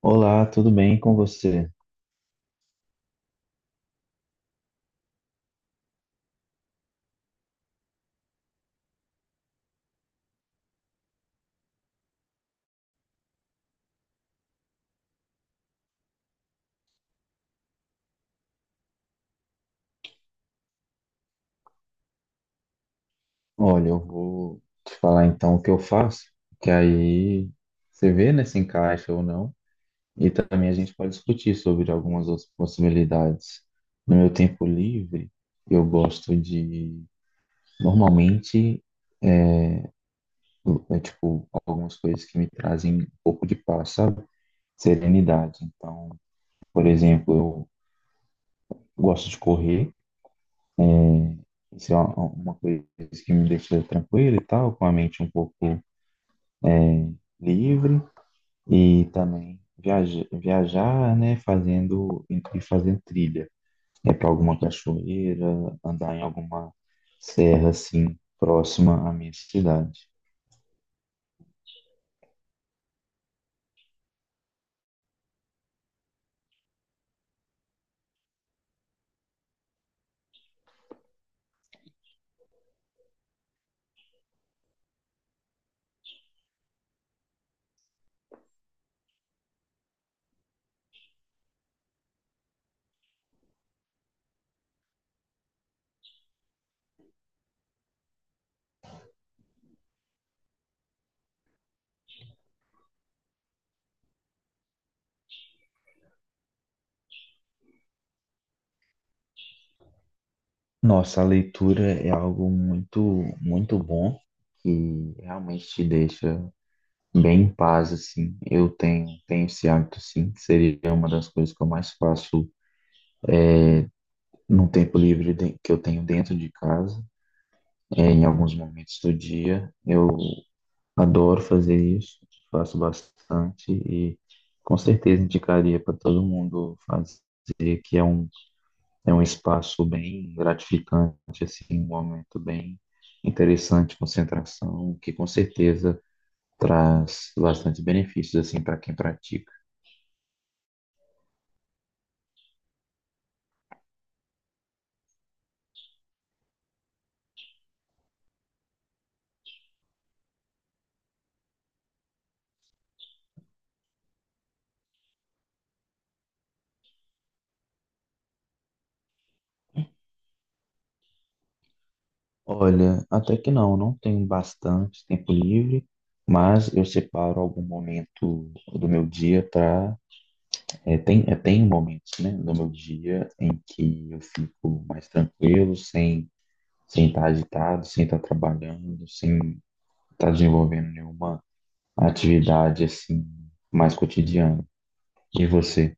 Olá, tudo bem com você? Olha, eu vou te falar então o que eu faço, que aí você vê, né, se encaixa ou não, e também a gente pode discutir sobre algumas outras possibilidades. No meu tempo livre, eu gosto de, normalmente, é tipo, algumas coisas que me trazem um pouco de paz, sabe? Serenidade. Então, por exemplo, eu gosto de correr, isso é uma coisa que me deixa tranquilo e tal, com a mente um pouco livre. E também viaja, viajar, né, fazendo e fazendo trilha. É para alguma cachoeira, andar em alguma serra assim próxima à minha cidade. Nossa, a leitura é algo muito, muito bom que realmente te deixa bem em paz assim. Eu tenho, tenho esse hábito sim, que seria uma das coisas que eu mais faço no tempo livre que eu tenho dentro de casa. É, em alguns momentos do dia, eu adoro fazer isso, faço bastante e com certeza indicaria para todo mundo fazer, que é é um espaço bem gratificante, assim, um momento bem interessante, de concentração, que com certeza traz bastante benefícios assim para quem pratica. Olha, até que não, não tenho bastante tempo livre, mas eu separo algum momento do meu dia para é, tem, eu tenho momentos, né, no meu dia em que eu fico mais tranquilo, sem sem estar agitado, sem estar trabalhando, sem estar desenvolvendo nenhuma atividade assim mais cotidiana. E você?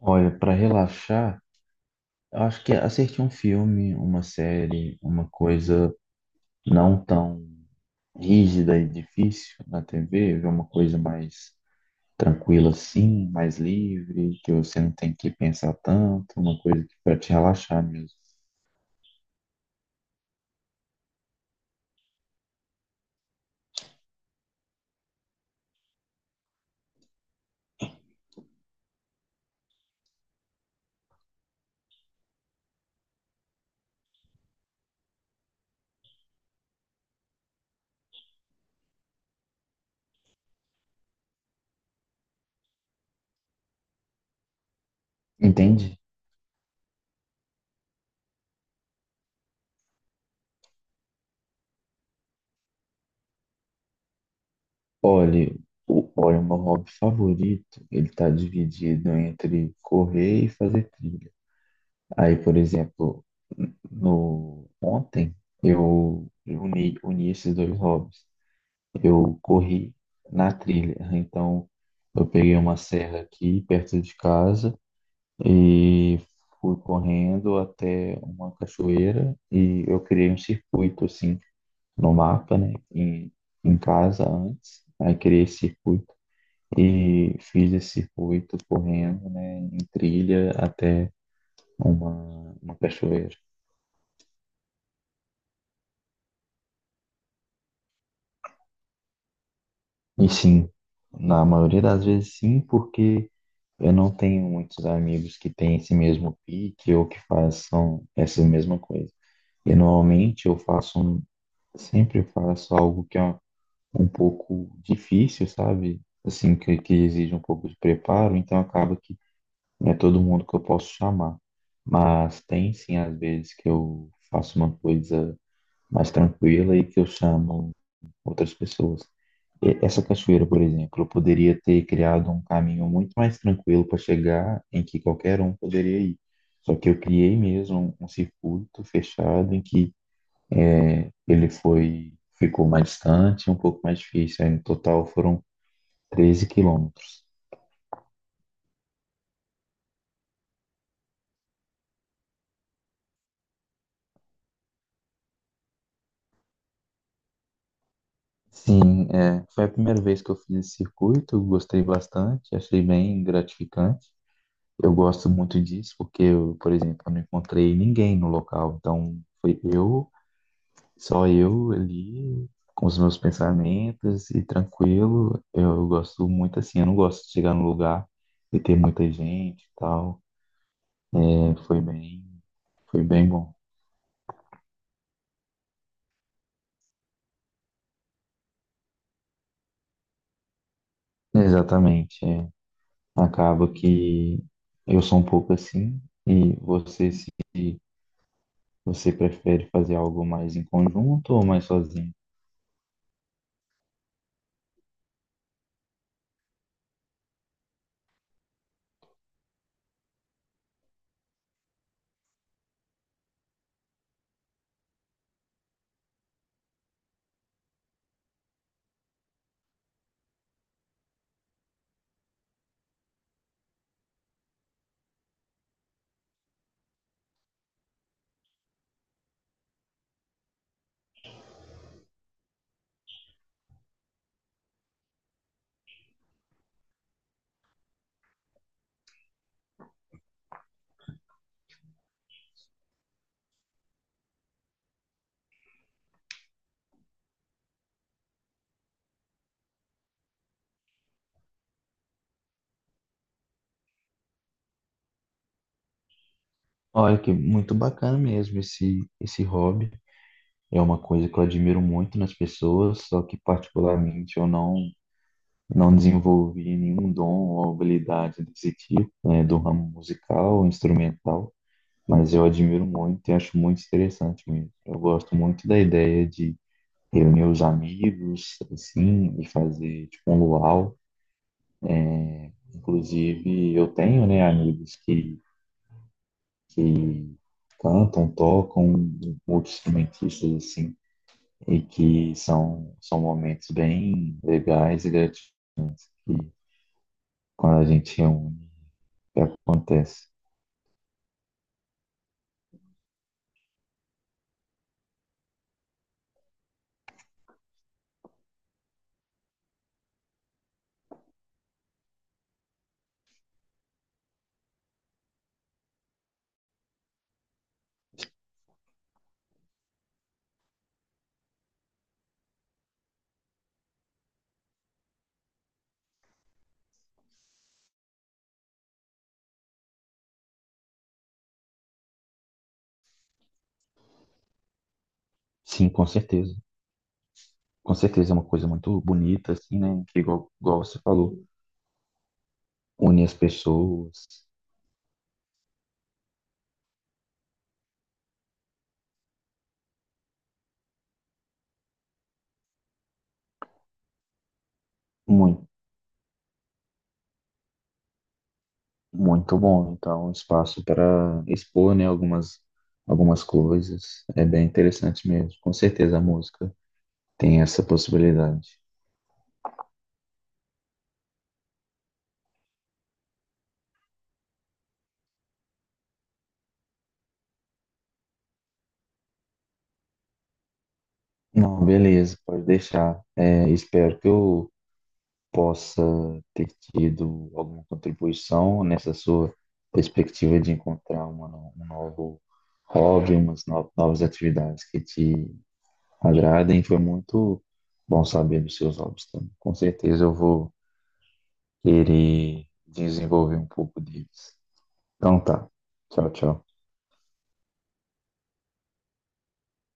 Olha, para relaxar, eu acho que assistir um filme, uma série, uma coisa não tão rígida e difícil na TV, ver uma coisa mais tranquilo assim, mais livre, que você não tem que pensar tanto, uma coisa que para te relaxar mesmo. Entende? Olha, olha, o meu hobby favorito, ele tá dividido entre correr e fazer trilha. Aí, por exemplo, no ontem eu uni esses dois hobbies. Eu corri na trilha, então eu peguei uma serra aqui perto de casa e fui correndo até uma cachoeira e eu criei um circuito, assim, no mapa, né? Em casa antes. Aí criei esse circuito e fiz esse circuito correndo, né? Em trilha até uma cachoeira. E sim, na maioria das vezes sim, porque eu não tenho muitos amigos que têm esse mesmo pique ou que façam essa mesma coisa. E normalmente sempre faço algo que é um pouco difícil, sabe? Assim, que exige um pouco de preparo, então acaba que não é todo mundo que eu posso chamar. Mas tem sim, às vezes, que eu faço uma coisa mais tranquila e que eu chamo outras pessoas. E essa cachoeira, por exemplo, eu poderia ter criado um caminho muito mais tranquilo para chegar em que qualquer um poderia ir. Só que eu criei mesmo um circuito fechado em que ficou mais distante, um pouco mais difícil. Aí, no total foram 13 quilômetros. Sim, é, foi a primeira vez que eu fiz esse circuito, gostei bastante, achei bem gratificante. Eu gosto muito disso porque, eu, por exemplo, eu não encontrei ninguém no local, então foi eu, só eu ali, com os meus pensamentos e tranquilo. Eu gosto muito assim, eu não gosto de chegar no lugar e ter muita gente e tal. É, foi bem bom. Exatamente. É. Acaba que eu sou um pouco assim, e você se você prefere fazer algo mais em conjunto ou mais sozinho? Olha que muito bacana mesmo esse hobby. É uma coisa que eu admiro muito nas pessoas, só que particularmente eu não desenvolvi nenhum dom ou habilidade desse tipo, né, do ramo musical ou instrumental, mas eu admiro muito e acho muito interessante mesmo. Eu gosto muito da ideia de reunir os amigos, assim, e fazer tipo um luau. Inclusive, eu tenho, né, que cantam, tocam, multi-instrumentistas, assim, e que são momentos bem legais e gratificantes quando a gente reúne, que acontece. Sim, com certeza. Com certeza é uma coisa muito bonita, assim, né, que igual você falou, une as pessoas, muito. Muito bom, então, um espaço para expor, né, algumas coisas. É bem interessante mesmo. Com certeza a música tem essa possibilidade. Não, beleza, pode deixar. É, espero que eu possa ter tido alguma contribuição nessa sua perspectiva de encontrar uma, no- um novo hobby, umas no- novas atividades que te agradem. Foi muito bom saber dos seus hobbies também. Com certeza eu vou querer desenvolver um pouco deles. Então tá. Tchau, tchau.